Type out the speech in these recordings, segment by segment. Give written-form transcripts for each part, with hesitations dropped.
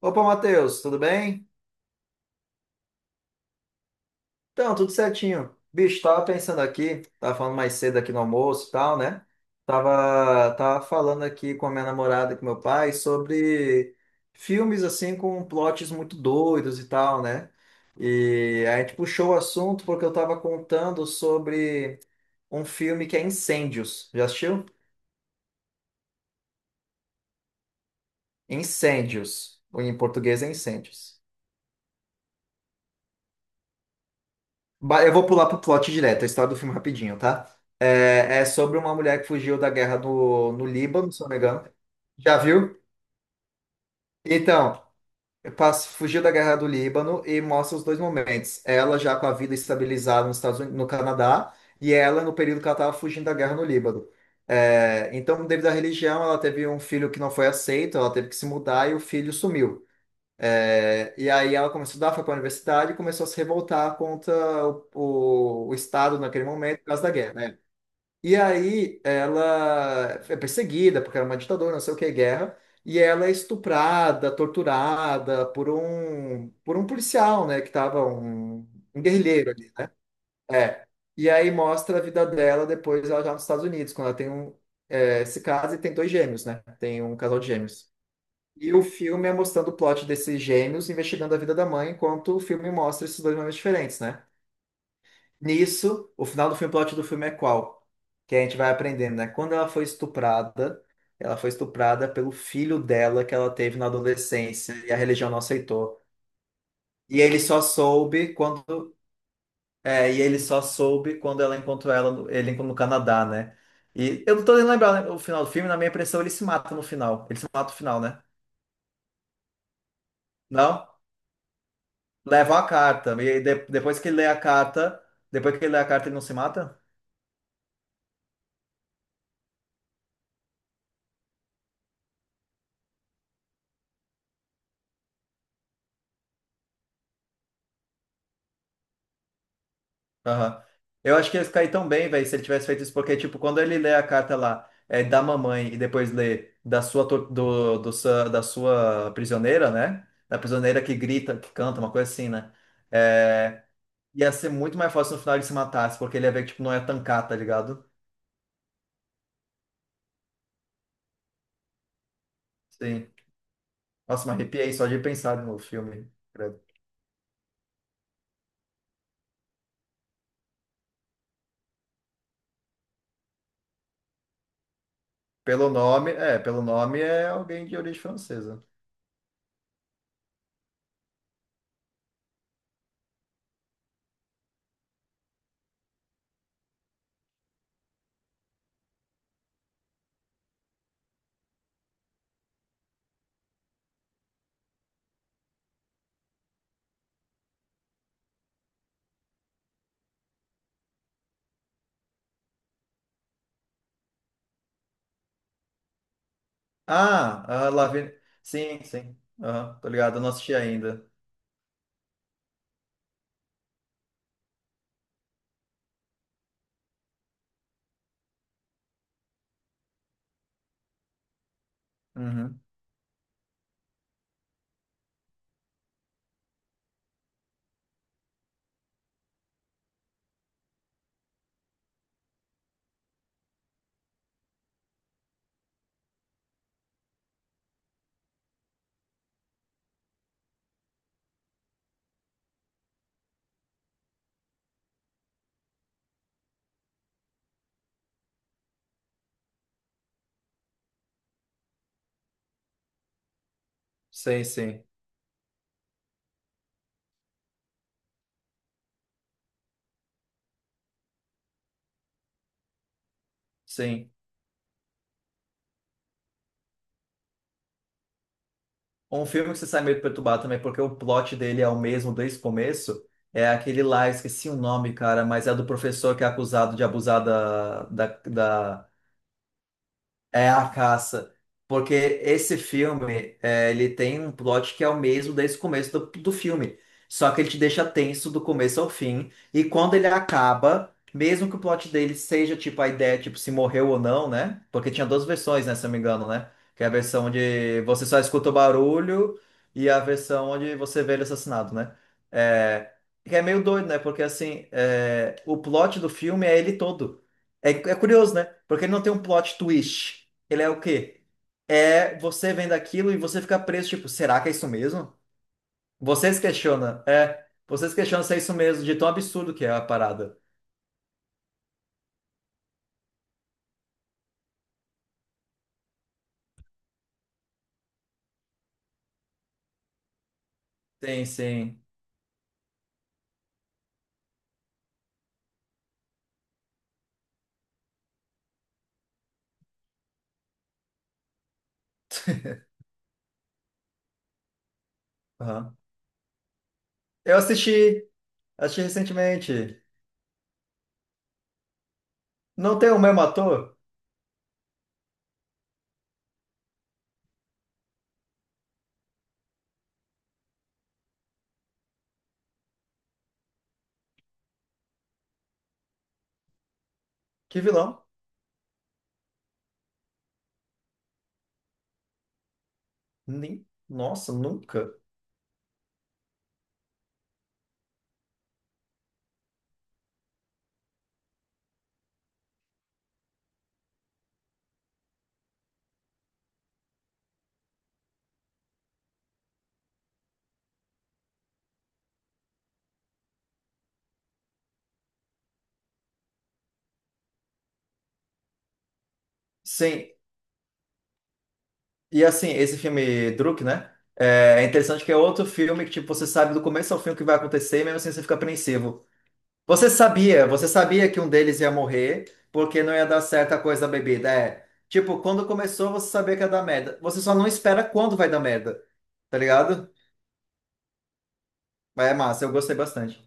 Opa, Matheus, tudo bem? Então, tudo certinho. Bicho, tava pensando aqui, tava falando mais cedo aqui no almoço e tal, né? Tava falando aqui com a minha namorada e com meu pai sobre filmes, assim, com plots muito doidos e tal, né? E a gente puxou o assunto porque eu tava contando sobre um filme que é Incêndios. Já assistiu? Incêndios. Em português é Incêndios. Eu vou pular pro plot direto, a história do filme rapidinho, tá? É sobre uma mulher que fugiu da guerra no Líbano, se eu não me engano. Já viu? Então, passo, fugiu da guerra do Líbano e mostra os dois momentos. Ela já com a vida estabilizada nos Estados Unidos, no Canadá, e ela no período que ela estava fugindo da guerra no Líbano. É, então, devido à religião, ela teve um filho que não foi aceito, ela teve que se mudar e o filho sumiu. É, e aí ela começou a estudar, foi para a universidade e começou a se revoltar contra o Estado naquele momento, por causa da guerra, né? E aí ela é perseguida, porque era uma ditadura, não sei o que, guerra, e ela é estuprada, torturada por um policial, né? Que estava um, um guerrilheiro ali. Né? É. E aí mostra a vida dela depois, ela já nos Estados Unidos, quando ela tem um, é, se casa e tem dois gêmeos, né? Tem um casal de gêmeos. E o filme é mostrando o plot desses gêmeos investigando a vida da mãe, enquanto o filme mostra esses dois momentos diferentes, né? Nisso, o final do filme, o plot do filme é qual? Que a gente vai aprendendo, né? Quando ela foi estuprada pelo filho dela que ela teve na adolescência e a religião não aceitou. E ele só soube quando, é, e ele só soube quando ela encontrou ela, ele no Canadá, né? E eu não tô nem lembrando, né? O final do filme, na minha impressão ele se mata no final. Ele se mata no final, né? Não? Levam a carta. E depois que ele lê a carta, depois que ele lê a carta, ele não se mata? Aham. Eu acho que ia ficar aí tão bem, velho, se ele tivesse feito isso, porque, tipo, quando ele lê a carta lá, é da mamãe e depois lê da sua, do, da sua prisioneira, né? Da prisioneira que grita, que canta, uma coisa assim, né? É, ia ser muito mais fácil no final ele se matasse, porque ele ia ver que, tipo, não ia tancar, tá ligado? Sim. Nossa, me arrepiei só de pensar no filme. Credo. Pelo nome é alguém de origem francesa. Ah, a Lavigne. Sim, sim. Aham, tô ligado, eu não assisti ainda. Uhum. Sim, sim, sim. Um filme que você sai meio perturbado também, porque o plot dele é o mesmo desde o começo. É aquele lá, esqueci o nome, cara, mas é do professor que é acusado de abusar da, da, da É a caça. Porque esse filme, é, ele tem um plot que é o mesmo desde o começo do filme. Só que ele te deixa tenso do começo ao fim. E quando ele acaba, mesmo que o plot dele seja tipo a ideia, tipo, se morreu ou não, né? Porque tinha duas versões, né? Se eu me engano, né? Que é a versão de você só escuta o barulho e a versão onde você vê ele assassinado, né? É, que é meio doido, né? Porque assim, é, o plot do filme é ele todo. É, é curioso, né? Porque ele não tem um plot twist. Ele é o quê? É você vendo aquilo e você fica preso, tipo, será que é isso mesmo? Você se questiona, é. Você se questiona se é isso mesmo, de tão absurdo que é a parada. Sim, sim. Aham. Eu assisti, assisti recentemente. Não tem o mesmo ator? Que vilão? Nem... Nossa, nunca. Sim, e assim, esse filme Druk, né? É é interessante que é outro filme que, tipo, você sabe do começo ao fim o que vai acontecer, e mesmo assim você fica apreensivo. Você sabia que um deles ia morrer porque não ia dar certa coisa da bebida. É, tipo, quando começou você sabia que ia dar merda. Você só não espera quando vai dar merda, tá ligado? Mas é massa, eu gostei bastante.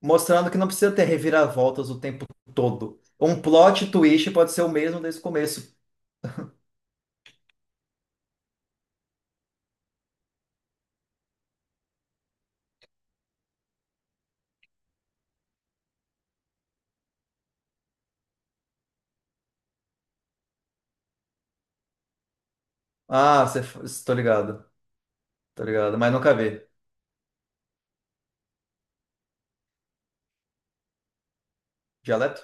Mostrando que não precisa ter reviravoltas o tempo todo. Um plot twist pode ser o mesmo desde o começo. Ah, você, tô ligado, tô ligado, mas nunca vi. Dialeto?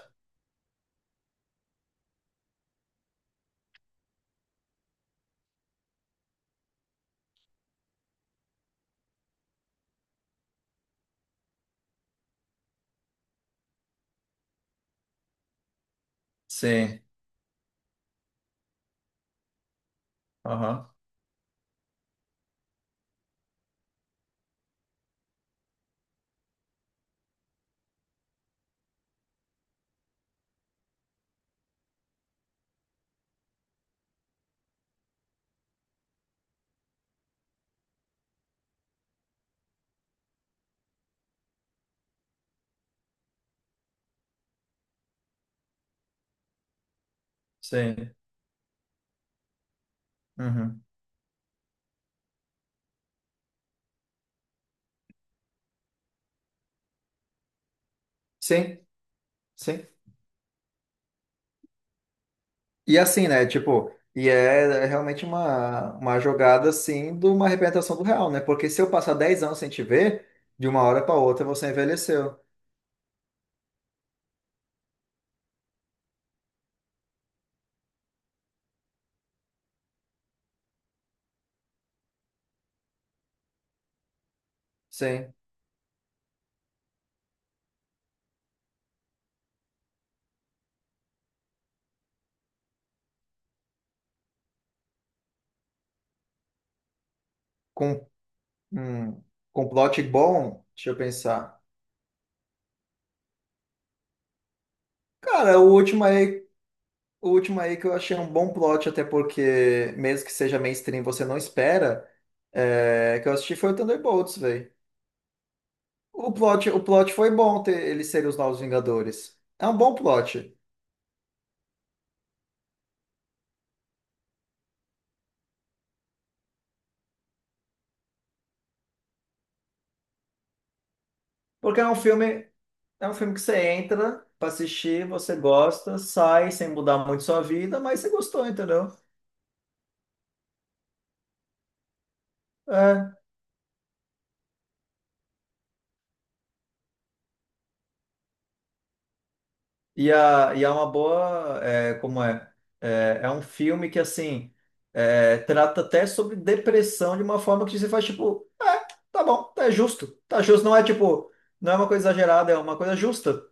Sim. Aham. Sim. Uhum. Sim, sim. E assim, né? Tipo, é realmente uma jogada, assim, de uma representação do real, né? Porque se eu passar 10 anos sem te ver, de uma hora para outra você envelheceu. Sim. Com, hum, com um plot bom, deixa eu pensar. Cara, o último aí O último aí que eu achei um bom plot, até porque, mesmo que seja mainstream, você não espera, é, que eu assisti foi o Thunderbolts, velho. O plot foi bom ter eles serem os novos Vingadores. É um bom plot. Porque é um filme que você entra pra assistir, você gosta, sai sem mudar muito sua vida, mas você gostou, entendeu? É, e, a, e é uma boa, é, como é? É, é um filme que, assim, é, trata até sobre depressão de uma forma que você faz, tipo, é, tá bom, tá justo, tá justo. Não é, tipo, não é uma coisa exagerada, é uma coisa justa,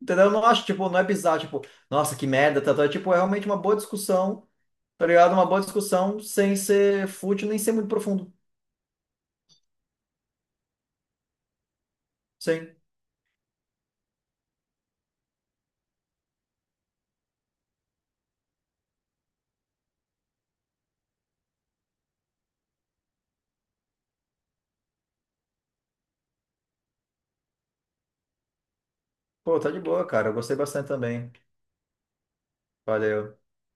entendeu? Eu não acho, tipo, não é bizarro, tipo, nossa, que merda, tá, tá. É, tipo, é realmente uma boa discussão, tá ligado? Uma boa discussão sem ser fútil, nem ser muito profundo. Sim. Pô, tá de boa, cara. Eu gostei bastante também. Valeu.